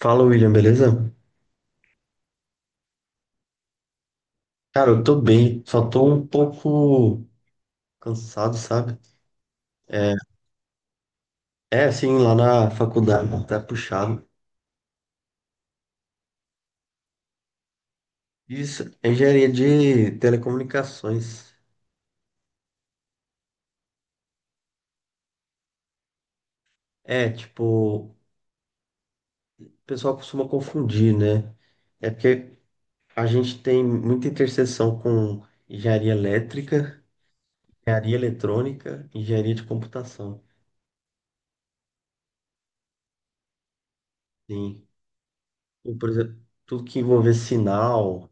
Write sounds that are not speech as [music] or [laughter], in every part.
Fala, William, beleza? Cara, eu tô bem, só tô um pouco cansado, sabe? É, é assim, lá na faculdade, tá puxado. Isso, é engenharia de telecomunicações. É, tipo, o pessoal costuma confundir, né? É porque a gente tem muita interseção com engenharia elétrica, engenharia eletrônica, engenharia de computação. Sim. E, por exemplo, tudo que envolver sinal,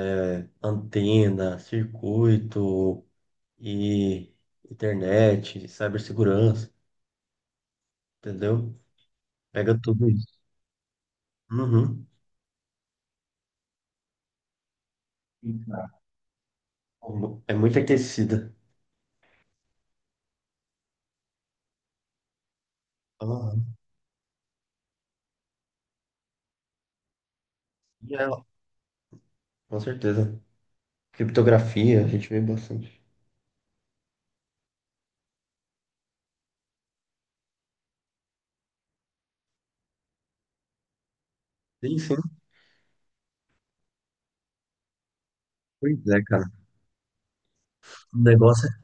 é, antena, circuito. E internet, cibersegurança, entendeu? Pega tudo isso. Uhum. É muito aquecida. Aham. E ela, com certeza. Criptografia, a gente vê bastante. Sim, sim. Pois é, cara. O negócio é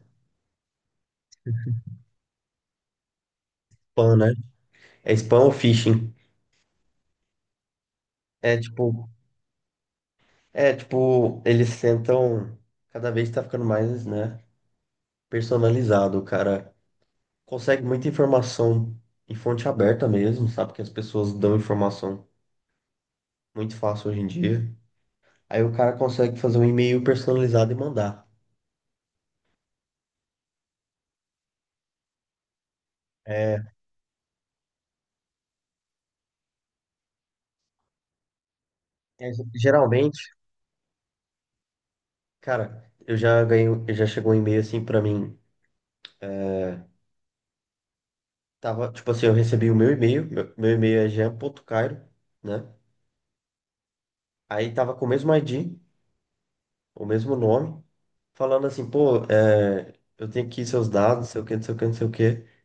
spam, né? É spam ou phishing? É tipo, é tipo, eles tentam, cada vez tá ficando mais, né, personalizado, o cara. Consegue muita informação em fonte aberta mesmo, sabe? Que as pessoas dão informação muito fácil hoje em dia. Aí o cara consegue fazer um e-mail personalizado e mandar. É, é, geralmente, cara, eu já ganhei, eu já chegou um e-mail assim pra mim. é, Tava, tipo assim, eu recebi o meu e-mail, meu e-mail é jean.cairo, né? Aí tava com o mesmo ID, o mesmo nome, falando assim, pô, eu tenho aqui seus dados, não sei o que, não sei o que, não sei o que.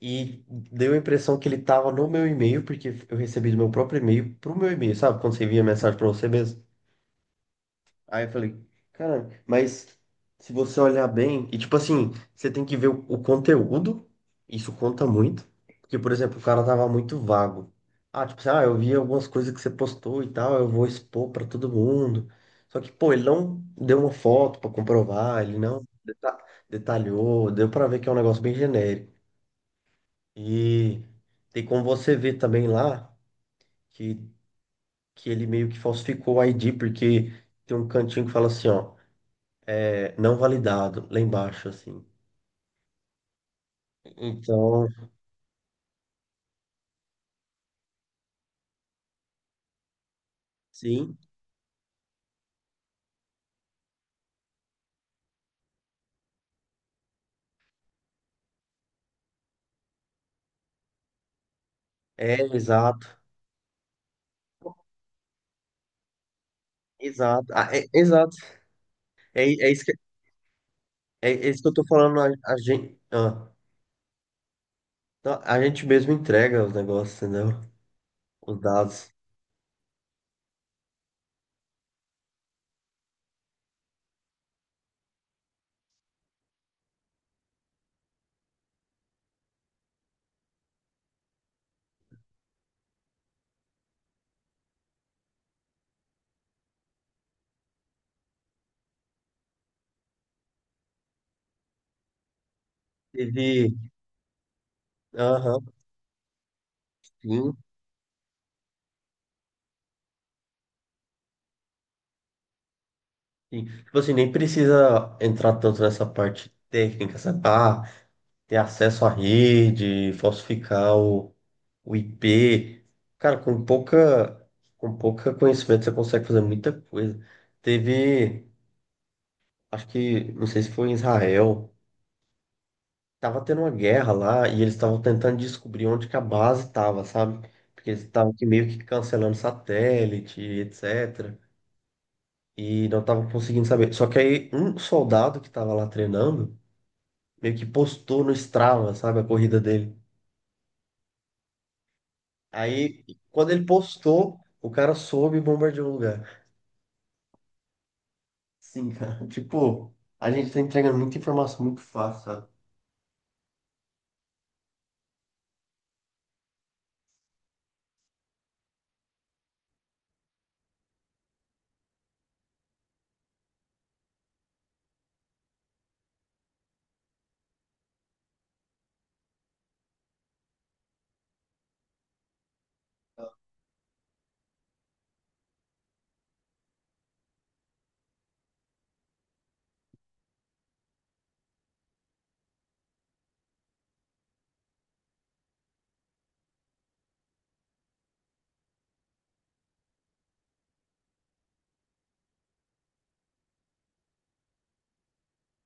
E deu a impressão que ele tava no meu e-mail, porque eu recebi do meu próprio e-mail pro meu e-mail, sabe? Quando você envia mensagem pra você mesmo. Aí eu falei, cara, mas se você olhar bem, e tipo assim, você tem que ver o conteúdo, isso conta muito. Porque, por exemplo, o cara tava muito vago. Ah, tipo assim, ah, eu vi algumas coisas que você postou e tal, eu vou expor pra todo mundo. Só que, pô, ele não deu uma foto pra comprovar, ele não detalhou, deu pra ver que é um negócio bem genérico. E tem como você ver também lá que, que ele meio que falsificou o ID, porque tem um cantinho que fala assim, ó, é, não validado, lá embaixo, assim. Então, sim, é exato, exato, ah, é, exato. É isso que, é, é isso que eu tô falando, a gente, ah, então, a gente mesmo entrega os negócios, entendeu? Os dados. Teve, aham, sim, sim. Tipo assim, nem precisa entrar tanto nessa parte técnica, sabe? Ah, ter acesso à rede, falsificar o IP. Cara, com pouca conhecimento você consegue fazer muita coisa. Teve, acho que, não sei se foi em Israel, tava tendo uma guerra lá e eles estavam tentando descobrir onde que a base tava, sabe? Porque eles estavam que meio que cancelando satélite, etc. E não estavam conseguindo saber. Só que aí um soldado que tava lá treinando meio que postou no Strava, sabe, a corrida dele. Aí, quando ele postou, o cara soube e bombardeou o lugar. Sim, cara. [laughs] Tipo, a gente tá entregando muita informação muito fácil, sabe?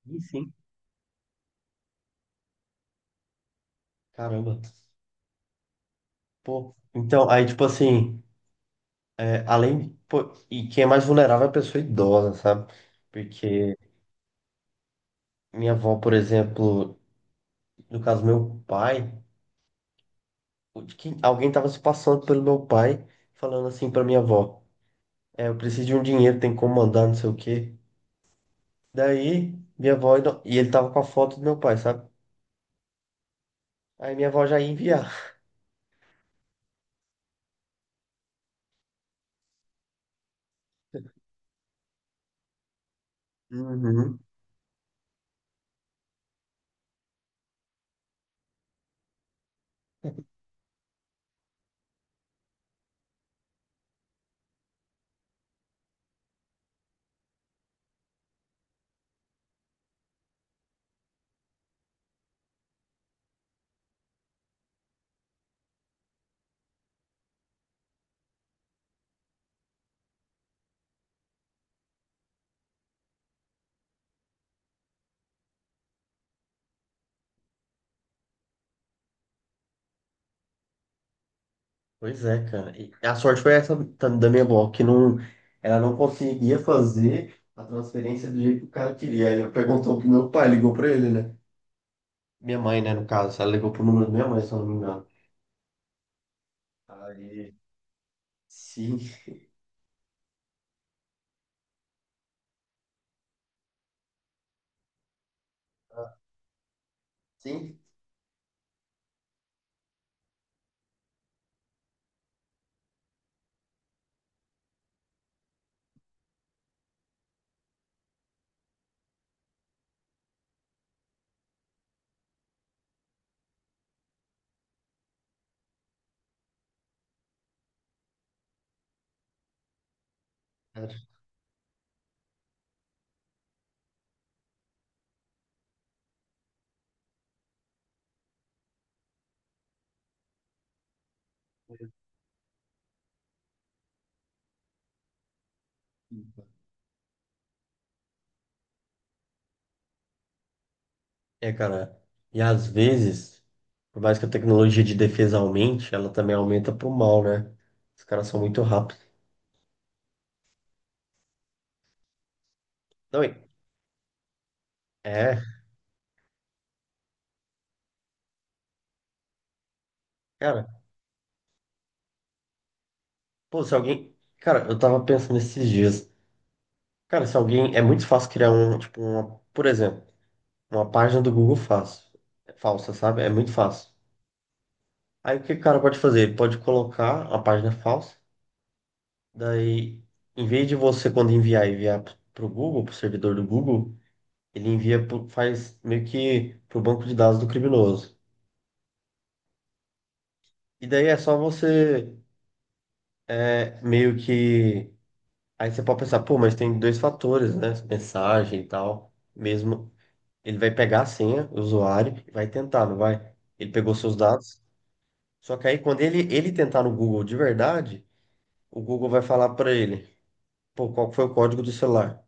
Sim, sim. Caramba. Pô. Então, aí, tipo assim, é, além. Pô, e quem é mais vulnerável é a pessoa idosa, sabe? Porque minha avó, por exemplo, no caso, meu pai, alguém tava se passando pelo meu pai, falando assim pra minha avó: é, eu preciso de um dinheiro, tem como mandar, não sei o quê. Daí, minha avó. E ele tava com a foto do meu pai, sabe? Aí minha avó já ia enviar. Uhum. Pois é, cara. E a sorte foi essa da minha avó, que não, ela não conseguia fazer a transferência do jeito que o cara queria. Aí eu perguntou pro meu pai, ligou pra ele, né? Minha mãe, né, no caso. Ela ligou pro número da minha mãe, se eu não me engano. Aí, sim, sim. Cara. É, cara. E às vezes, por mais que a tecnologia de defesa aumente, ela também aumenta pro mal, né? Os caras são muito rápidos. Não, é, cara. Pô, se alguém. Cara, eu tava pensando esses dias. Cara, se alguém. É muito fácil criar um, tipo, uma, por exemplo, uma página do Google fácil, falsa, sabe? É muito fácil. Aí o que o cara pode fazer? Ele pode colocar a página falsa, daí, em vez de você, quando enviar pro Google, pro servidor do Google, ele envia, faz meio que pro banco de dados do criminoso. E daí é só você, é, meio que. Aí você pode pensar, pô, mas tem dois fatores, né? Mensagem e tal, mesmo. Ele vai pegar a senha, o usuário, e vai tentar, não vai? Ele pegou seus dados. Só que aí, quando ele tentar no Google de verdade, o Google vai falar para ele, pô, qual foi o código do celular?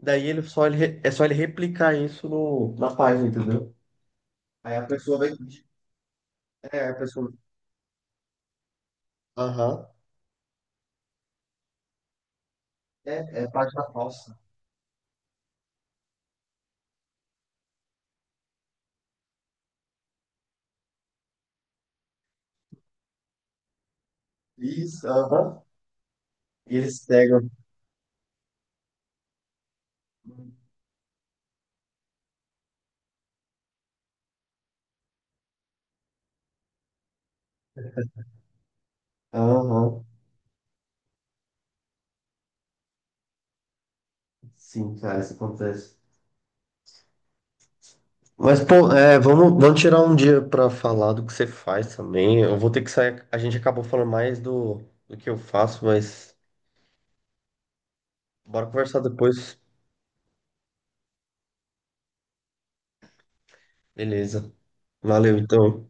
Daí ele só ele, re- é só ele replicar isso no, na página, entendeu? Aí a pessoa vai. É, a pessoa. Aham. É, é página falsa. Isso, aham. E eles pegam. Aham. Sim, cara, isso acontece. Mas, pô, é, vamos, vamos tirar um dia pra falar do que você faz também. Eu vou ter que sair. A gente acabou falando mais do, do que eu faço, mas bora conversar depois. Beleza. Valeu, então.